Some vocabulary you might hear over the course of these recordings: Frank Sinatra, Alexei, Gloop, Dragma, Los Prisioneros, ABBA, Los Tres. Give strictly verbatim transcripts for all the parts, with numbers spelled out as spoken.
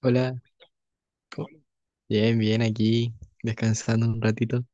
Hola, co- bien, bien aquí, descansando un ratito.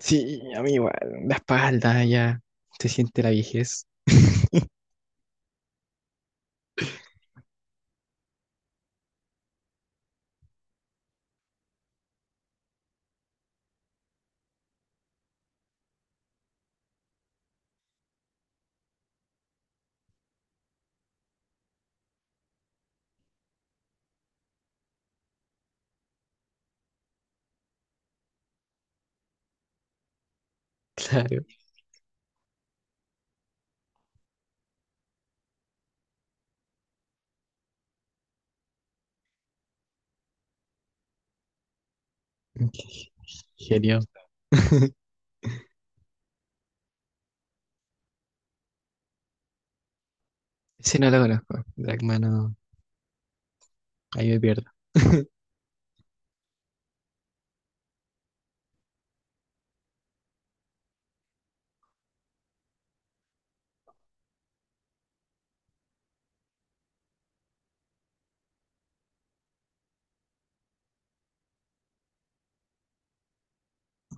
Sí, a mí igual, la espalda ya se siente la viejez. Claro, qué genio. Ese no lo conozco, Dragma no, ahí me pierdo.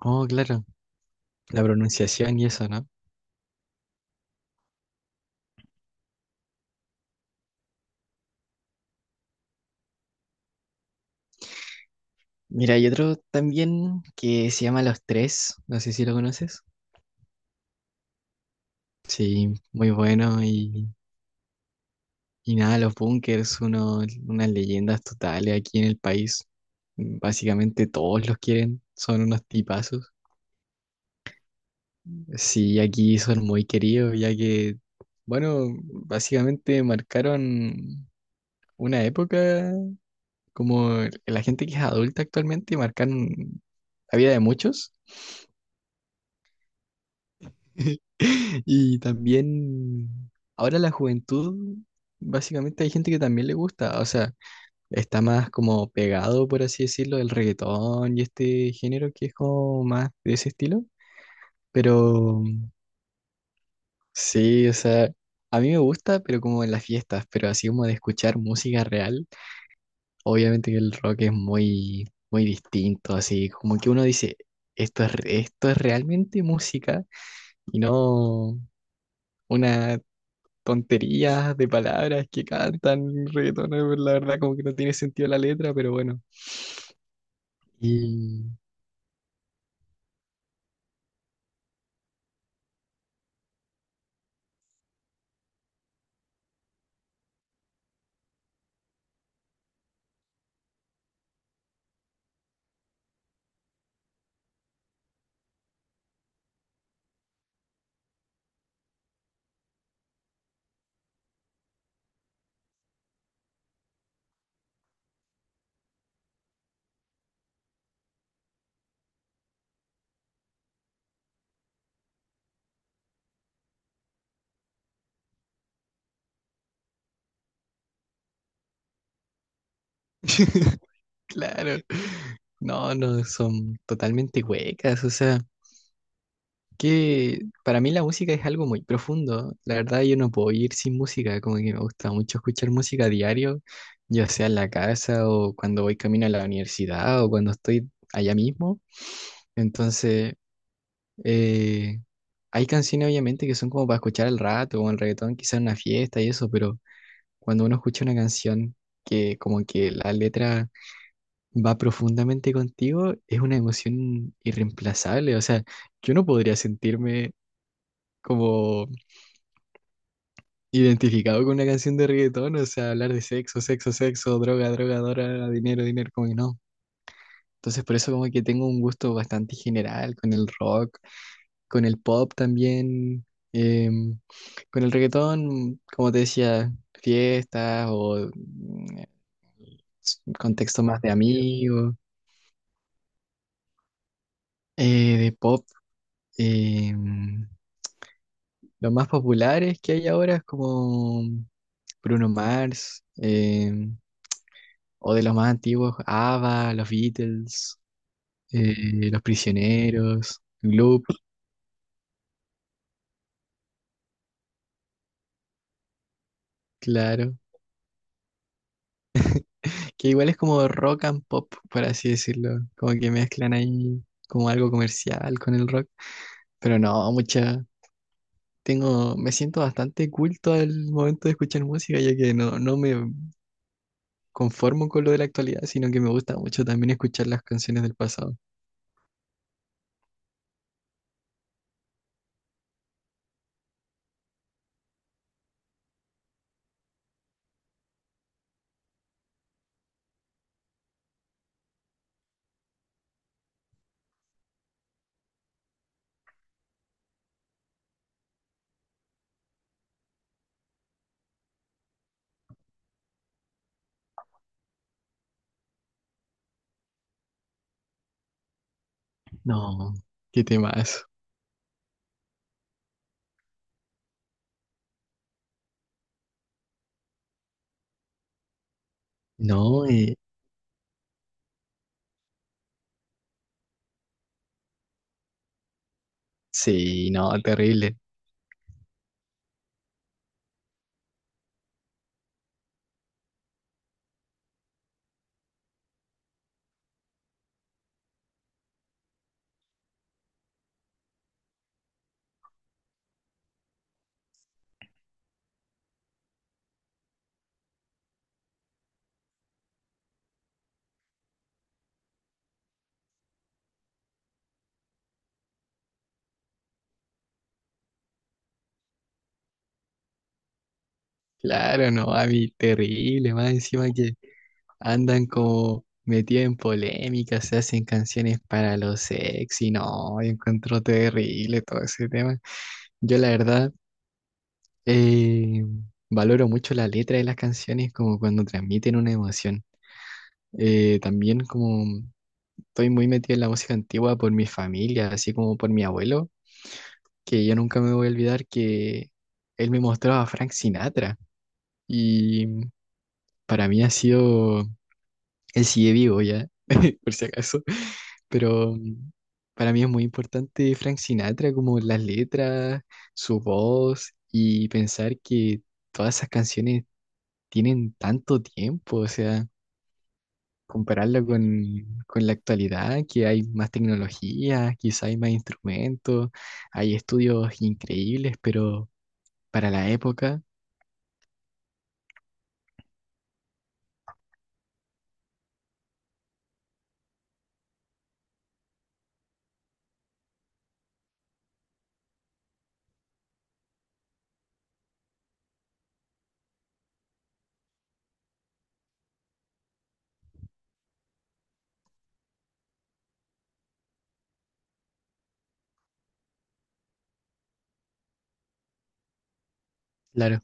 Oh, claro, la pronunciación y eso, ¿no? Mira, hay otro también que se llama Los Tres, no sé si lo conoces. Sí, muy bueno y, y nada, los bunkers, uno, unas leyendas totales aquí en el país. Básicamente todos los quieren, son unos tipazos. Sí, aquí son muy queridos, ya que, bueno, básicamente marcaron una época como la gente que es adulta actualmente, marcaron la vida de muchos. Y también ahora la juventud, básicamente hay gente que también le gusta, o sea, está más como pegado, por así decirlo, el reggaetón y este género que es como más de ese estilo. Pero sí, o sea, a mí me gusta, pero como en las fiestas, pero así como de escuchar música real, obviamente que el rock es muy, muy distinto, así como que uno dice, esto es, re- esto es realmente música y no una tontería de palabras que cantan reggaetoneros, la verdad como que no tiene sentido la letra, pero bueno. Y claro, no, no, son totalmente huecas, o sea. Que para mí la música es algo muy profundo. La verdad, yo no puedo ir sin música, como que me gusta mucho escuchar música a diario, ya sea en la casa o cuando voy camino a la universidad o cuando estoy allá mismo. Entonces, eh, hay canciones obviamente que son como para escuchar al rato o el reggaetón, quizás en una fiesta y eso, pero cuando uno escucha una canción que como que la letra va profundamente contigo, es una emoción irreemplazable. O sea, yo no podría sentirme como identificado con una canción de reggaetón, o sea, hablar de sexo, sexo, sexo, droga, droga, droga, dinero, dinero, como que no. Entonces, por eso como que tengo un gusto bastante general con el rock, con el pop también, em, con el reggaetón, como te decía, fiestas o mm, s- contexto más de amigos, eh, de pop. em, los más populares que hay ahora es como Bruno Mars, em, o de los más antiguos, ABBA, los Beatles, eh, Los Prisioneros, Gloop, claro. Que igual es como rock and pop, por así decirlo. Como que mezclan ahí como algo comercial con el rock. Pero no, mucha. Tengo, me siento bastante culto al momento de escuchar música, ya que no, no me conformo con lo de la actualidad, sino que me gusta mucho también escuchar las canciones del pasado. No, qué temas. No, eh, sí, no, terrible. Claro, no, a mí terrible, más encima que andan como metidos en polémicas se hacen canciones para lo sexy, no, yo encuentro terrible todo ese tema. Yo la verdad eh, valoro mucho la letra de las canciones como cuando transmiten una emoción. Eh, también como estoy muy metido en la música antigua por mi familia, así como por mi abuelo, que yo nunca me voy a olvidar que él me mostraba a Frank Sinatra y para mí ha sido... Él sigue vivo ya, por si acaso. Pero mm, para mí es muy importante Frank Sinatra, como las letras, su voz y pensar que todas esas canciones tienen tanto tiempo, o sea, compararlo con, con la actualidad, que hay más tecnología, quizá hay más instrumentos, hay estudios increíbles, pero para la época, claro,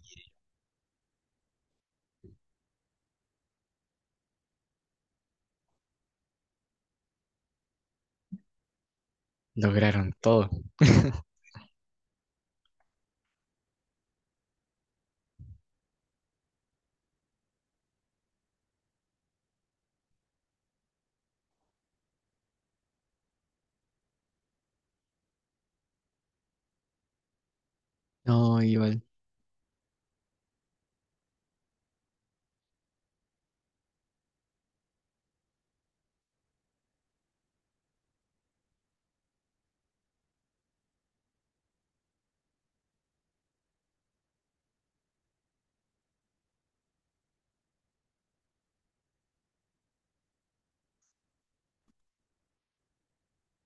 lograron todo. No, igual,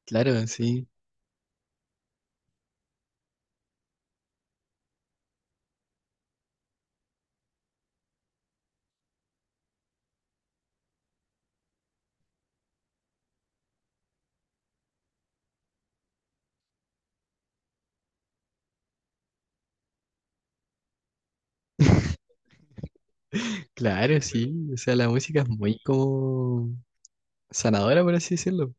claro, sí. Claro, sí. O sea, la música es muy como sanadora, por así decirlo.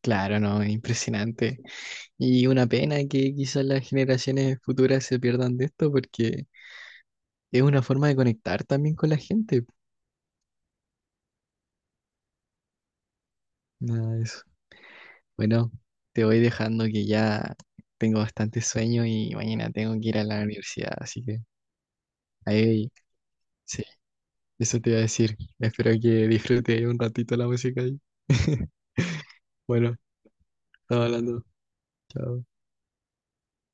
Claro, no, es impresionante. Y una pena que quizás las generaciones futuras se pierdan de esto porque es una forma de conectar también con la gente. Nada de eso. Bueno, te voy dejando que ya tengo bastante sueño y mañana tengo que ir a la universidad, así que ahí, sí, eso te iba a decir. Espero que disfrutes un ratito la música ahí. Bueno, estamos hablando. Chao.